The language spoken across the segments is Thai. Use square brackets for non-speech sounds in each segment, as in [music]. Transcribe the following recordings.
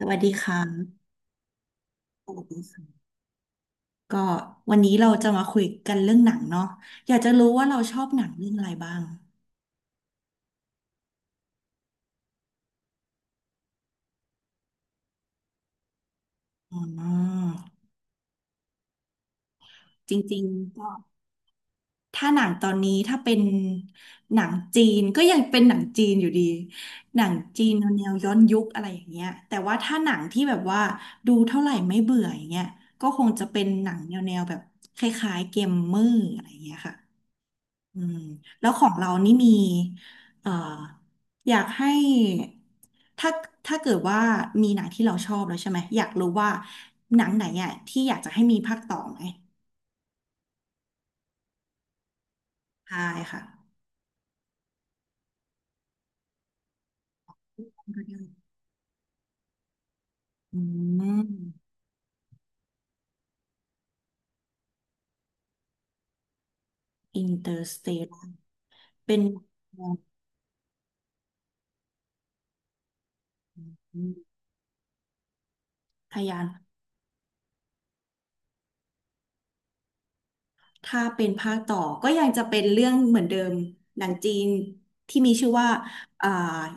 สวัสดีค่ะสวัสดีค่ะก็วันนี้เราจะมาคุยกันเรื่องหนังเนาะอยากจะรู้ว่าเราชอบหนังเรื่องอะไรบ้างอ๋อจริงๆก็ถ้าหนังตอนนี้ถ้าเป็นหนังจีนก็ยังเป็นหนังจีนอยู่ดีหนังจีนแนวย้อนยุคอะไรอย่างเงี้ยแต่ว่าถ้าหนังที่แบบว่าดูเท่าไหร่ไม่เบื่ออย่างเงี้ยก็คงจะเป็นหนังแนวแบบคล้ายๆเกมเมอร์อะไรอย่างเงี้ยค่ะ อืมแล้วของเรานี่มีเอ่ออยากให้ถ้าเกิดว่ามีหนังที่เราชอบแล้วใช่ไหมอยากรู้ว่าหนังไหนอ่ะที่อยากจะให้มีภาคต่อไหมใช่ค่ะอืมอินเตอร์สเตลเป็นพยาน ถ้าเป็นภาคต่อก็ยังจะเป็นเรื่องเหมือนเดิมหนังจีนที่มีชื่อว่าอ่า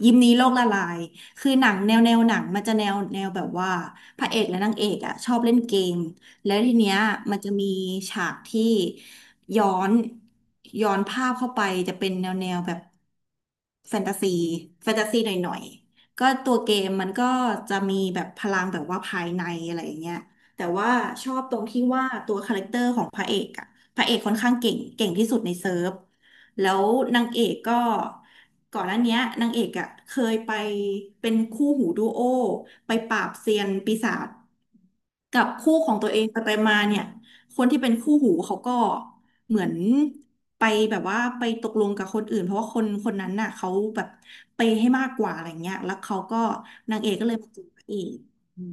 ยิมนี้โลกละลายคือหนังแนวหนังมันจะแนวแบบว่าพระเอกและนางเอกอ่ะชอบเล่นเกมแล้วทีเนี้ยมันจะมีฉากที่ย้อนย้อนภาพเข้าไปจะเป็นแนวแบบแฟนตาซีแฟนตาซีหน่อยๆก็ตัวเกมมันก็จะมีแบบพลังแบบว่าภายในอะไรอย่างเงี้ย แต่ว่าชอบตรงที่ว่าตัวคาแรคเตอร์ของพระเอกอะพระเอกค่อนข้างเก่งที่สุดในเซิร์ฟแล้วนางเอกก็ก่อนหน้าเนี้ยนางเอกอะเคยไปเป็นคู่หูดูโอไปปราบเซียนปีศาจกับคู่ของตัวเองไปมาเนี่ยคนที่เป็นคู่หูเขาก็เหมือนไปแบบว่าไปตกลงกับคนอื่นเพราะว่าคนคนนั้นน่ะเขาแบบไปย์ให้มากกว่าอะไรเงี้ยแล้วเขาก็นางเอกก็เลยมาจูบพระเอกอืม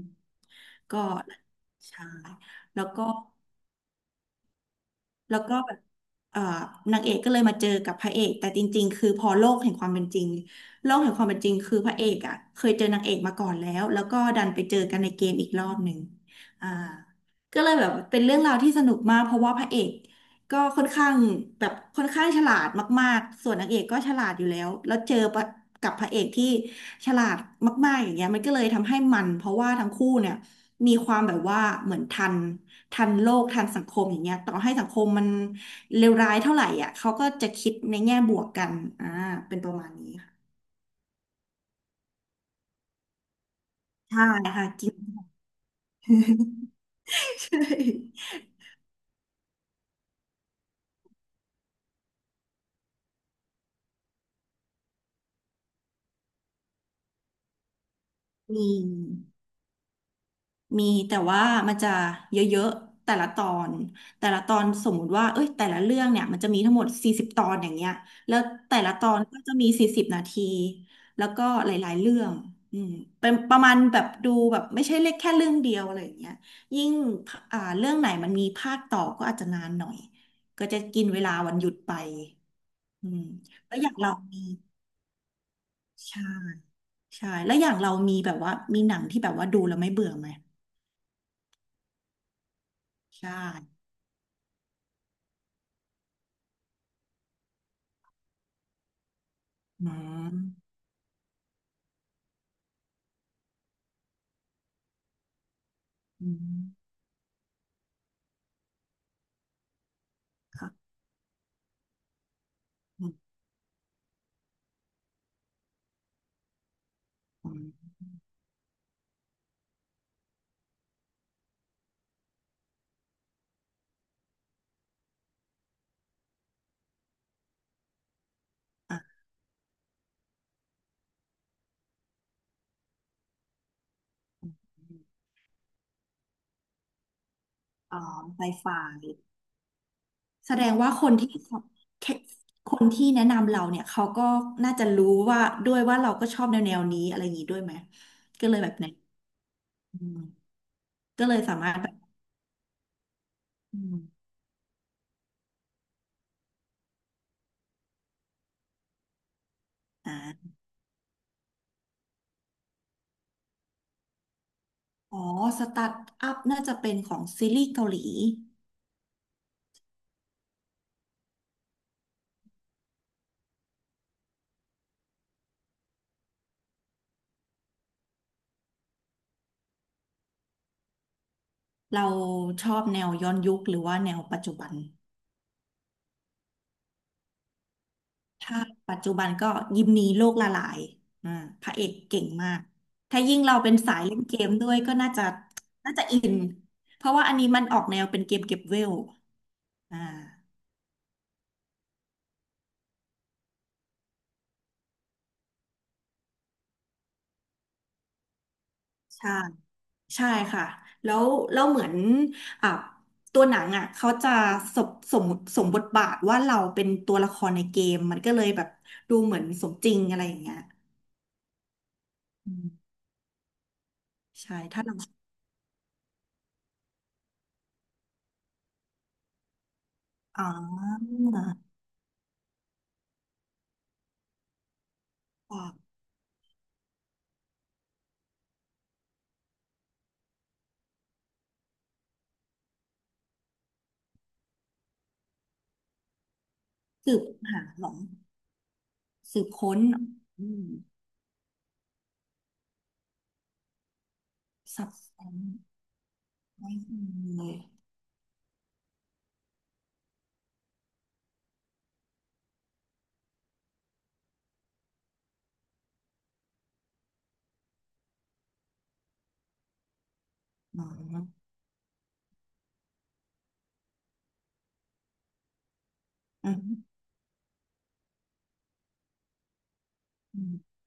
ก็ ใช่แล้วก็แล้วก็แบบเอ่อนางเอกก็เลยมาเจอกับพระเอกแต่จริงๆคือพอโลกแห่งความเป็นจริงโลกแห่งความเป็นจริงคือพระเอกอ่ะเคยเจอนางเอกมาก่อนแล้วแล้วก็ดันไปเจอกันในเกมอีกรอบหนึ่งอ่าก็เลยแบบเป็นเรื่องราวที่สนุกมากเพราะว่าพระเอกก็ค่อนข้างแบบค่อนข้างฉลาดมากๆส่วนนางเอกก็ฉลาดอยู่แล้วแล้วเจอปะกับพระเอกที่ฉลาดมากๆอย่างเงี้ยมันก็เลยทำให้มัน เพราะว่าทั้งคู่เนี่ยมีความแบบว่าเหมือนทันโลกทันสังคมอย่างเงี้ยต่อให้สังคมมันเลวร้ายเท่าไหร่อ่ะเขาก็จะคิดในแง่บวกกันอ่าเป็นประมาณนี้ค่ะ ใช่ค่ะจริง [laughs] ใช่มี มีแต่ว่ามันจะเยอะๆแต่ละตอนสมมุติว่าเอ้ยแต่ละเรื่องเนี่ยมันจะมีทั้งหมด40 ตอนอย่างเงี้ยแล้วแต่ละตอนก็จะมี40 นาทีแล้วก็หลายๆเรื่องอืมเป็นประมาณแบบดูแบบไม่ใช่เล็กแค่เรื่องเดียวอะไรอย่างเงี้ยยิ่งเรื่องไหนมันมีภาคต่อก็อาจจะนานหน่อยก็จะกินเวลาวันหยุดไปอืมแล้วอย่างเรามีใช่ใช่แล้วอย่างเรามีแบบว่ามีหนังที่แบบว่าดูแล้วไม่เบื่อไหมใช่อืม อืมค่ะอืมอืมอ่ะอ๋อไฟฟ้าแสดงว่าคนที่แคคนที่แนะนำเราเนี่ย เขาก็น่าจะรู้ว่าด้วยว่าเราก็ชอบแนวนี้อะไรอย่างนี้ด้วยไหมก็เลยแบบไหนอืมก็เลยสามารถแบบอืมอ่าอ๋อ สตาร์ทอัพน่าจะเป็นของซีรีส์เกาหลี เราชอบแนวย้อนยุคหรือว่าแนวปัจจุบัน ถ้าปัจจุบันก็ยิมนีโลกละลายอ่าพระเอกเก่งมากถ้ายิ่งเราเป็นสายเล่นเกมด้วยก็น่าจะอินเพราะว่าอันนี้มันออกแนวเป็นเกมเก็บเวลอ่าใช่ใช่ค่ะแล้วแล้วเหมือนอ่ะตัวหนังอ่ะเขาจะสมสมสมบทบาทว่าเราเป็นตัวละครในเกมมันก็เลยแบบดูเหมือนสมจริงอะไรอย่างเงี้ยอืมใช่ถ้าเราอ๋ออ่ะสืบหาหรอสืบค้นอืม สับแสงไม่มีหนออืมอืม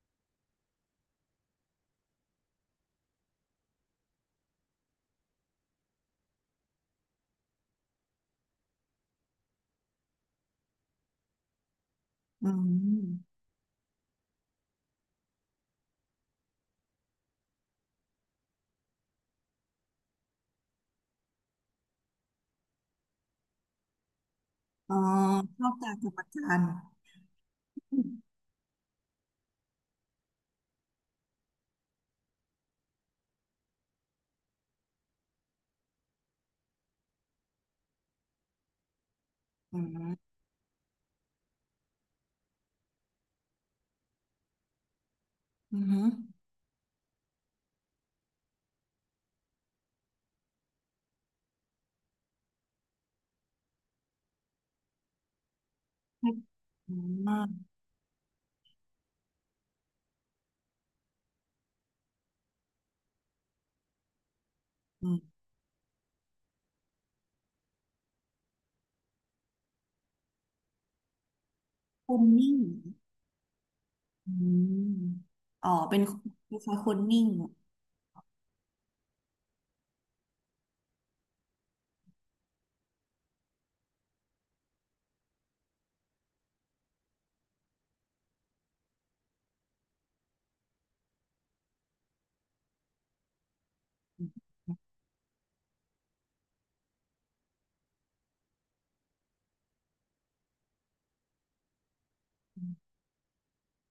อืมอ๋อชอบการประการอืมอืมอืมอืมอืมอืมคนนิ่งอืมอ๋อเป็นคล้ายๆคนนิ่งอ่ะ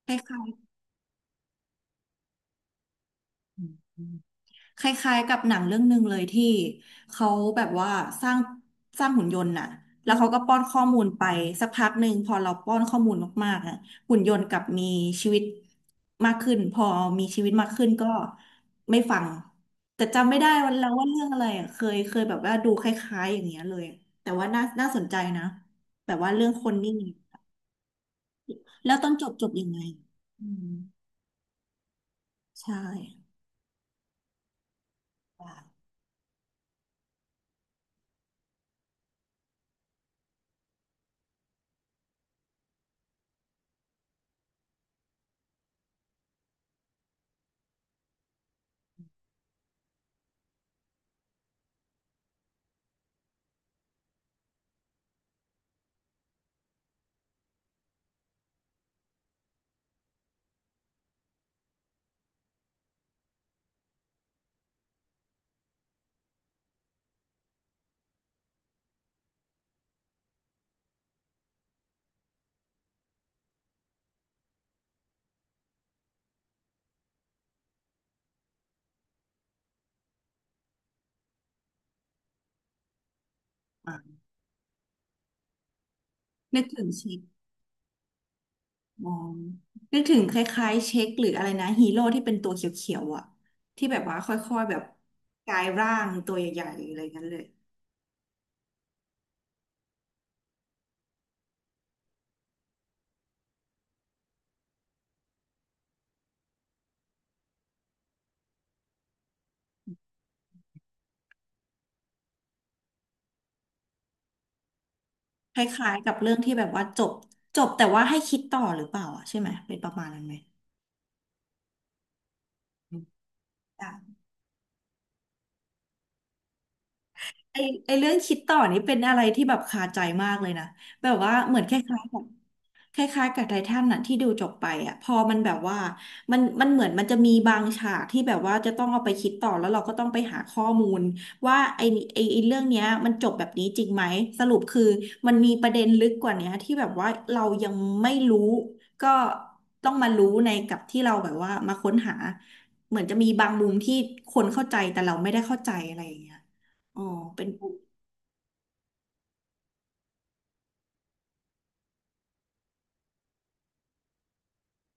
คล้ายๆ คล้ายๆกับหนังเรื่องหนึ่งเลยที่เขาแบบว่าสร้างหุ่นยนต์น่ะแล้วเขาก็ป้อนข้อมูลไปสักพักหนึ่งพอเราป้อนข้อมูลมากๆอ่ะหุ่นยนต์กลับมีชีวิตมากขึ้นพอมีชีวิตมากขึ้นก็ไม่ฟังแต่จำไม่ได้วันแล้วว่าเรื่องอะไรอ่ะเคยแบบว่าดูคล้ายๆอย่างเงี้ยเลยแต่ว่าน่าสนใจนะแบบว่าเรื่องคนนี่แล้วตอนจบจบยังไงอืมใช่่านึกถึงชี อ๋อนึกถึงคล้ายๆเช็คหรืออะไรนะฮีโร่ที่เป็นตัวเขียวๆอ่ะที่แบบว่าค่อยๆแบบกลายร่างตัวใหญ่ๆอะไรเงี้ยเลยคล้ายๆกับเรื่องที่แบบว่าจบแต่ว่าให้คิดต่อหรือเปล่าอ่ะใช่ไหมเป็นประมาณนั้นไหมอ่ะได้ไอเรื่องคิดต่อนี่เป็นอะไรที่แบบคาใจมากเลยนะแบบว่าเหมือนคล้ายๆกับ คล้ายๆกับไททันน่ะที่ดูจบไปอ่ะพอมันแบบว่ามันเหมือนมันจะมีบางฉากที่แบบว่าจะต้องเอาไปคิดต่อแล้วเราก็ต้องไปหาข้อมูลว่าไอ้เรื่องเนี้ยมันจบแบบนี้จริงไหมสรุปคือมันมีประเด็นลึกกว่าเนี้ยที่แบบว่าเรายังไม่รู้ก็ต้องมารู้ในกับที่เราแบบว่ามาค้นหาเหมือนจะมีบางมุมที่คนเข้าใจแต่เราไม่ได้เข้าใจอะไรอย่างเงี้ยอ๋อเป็นปุ่ม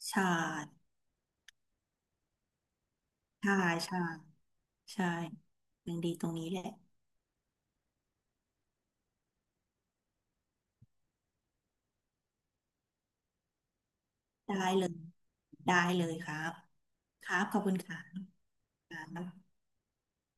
ใช่ใช่ใช่ใช่ยังดีตรงนี้แหละ ได้เลยได้เลยครับครับขอบคุณค่ะ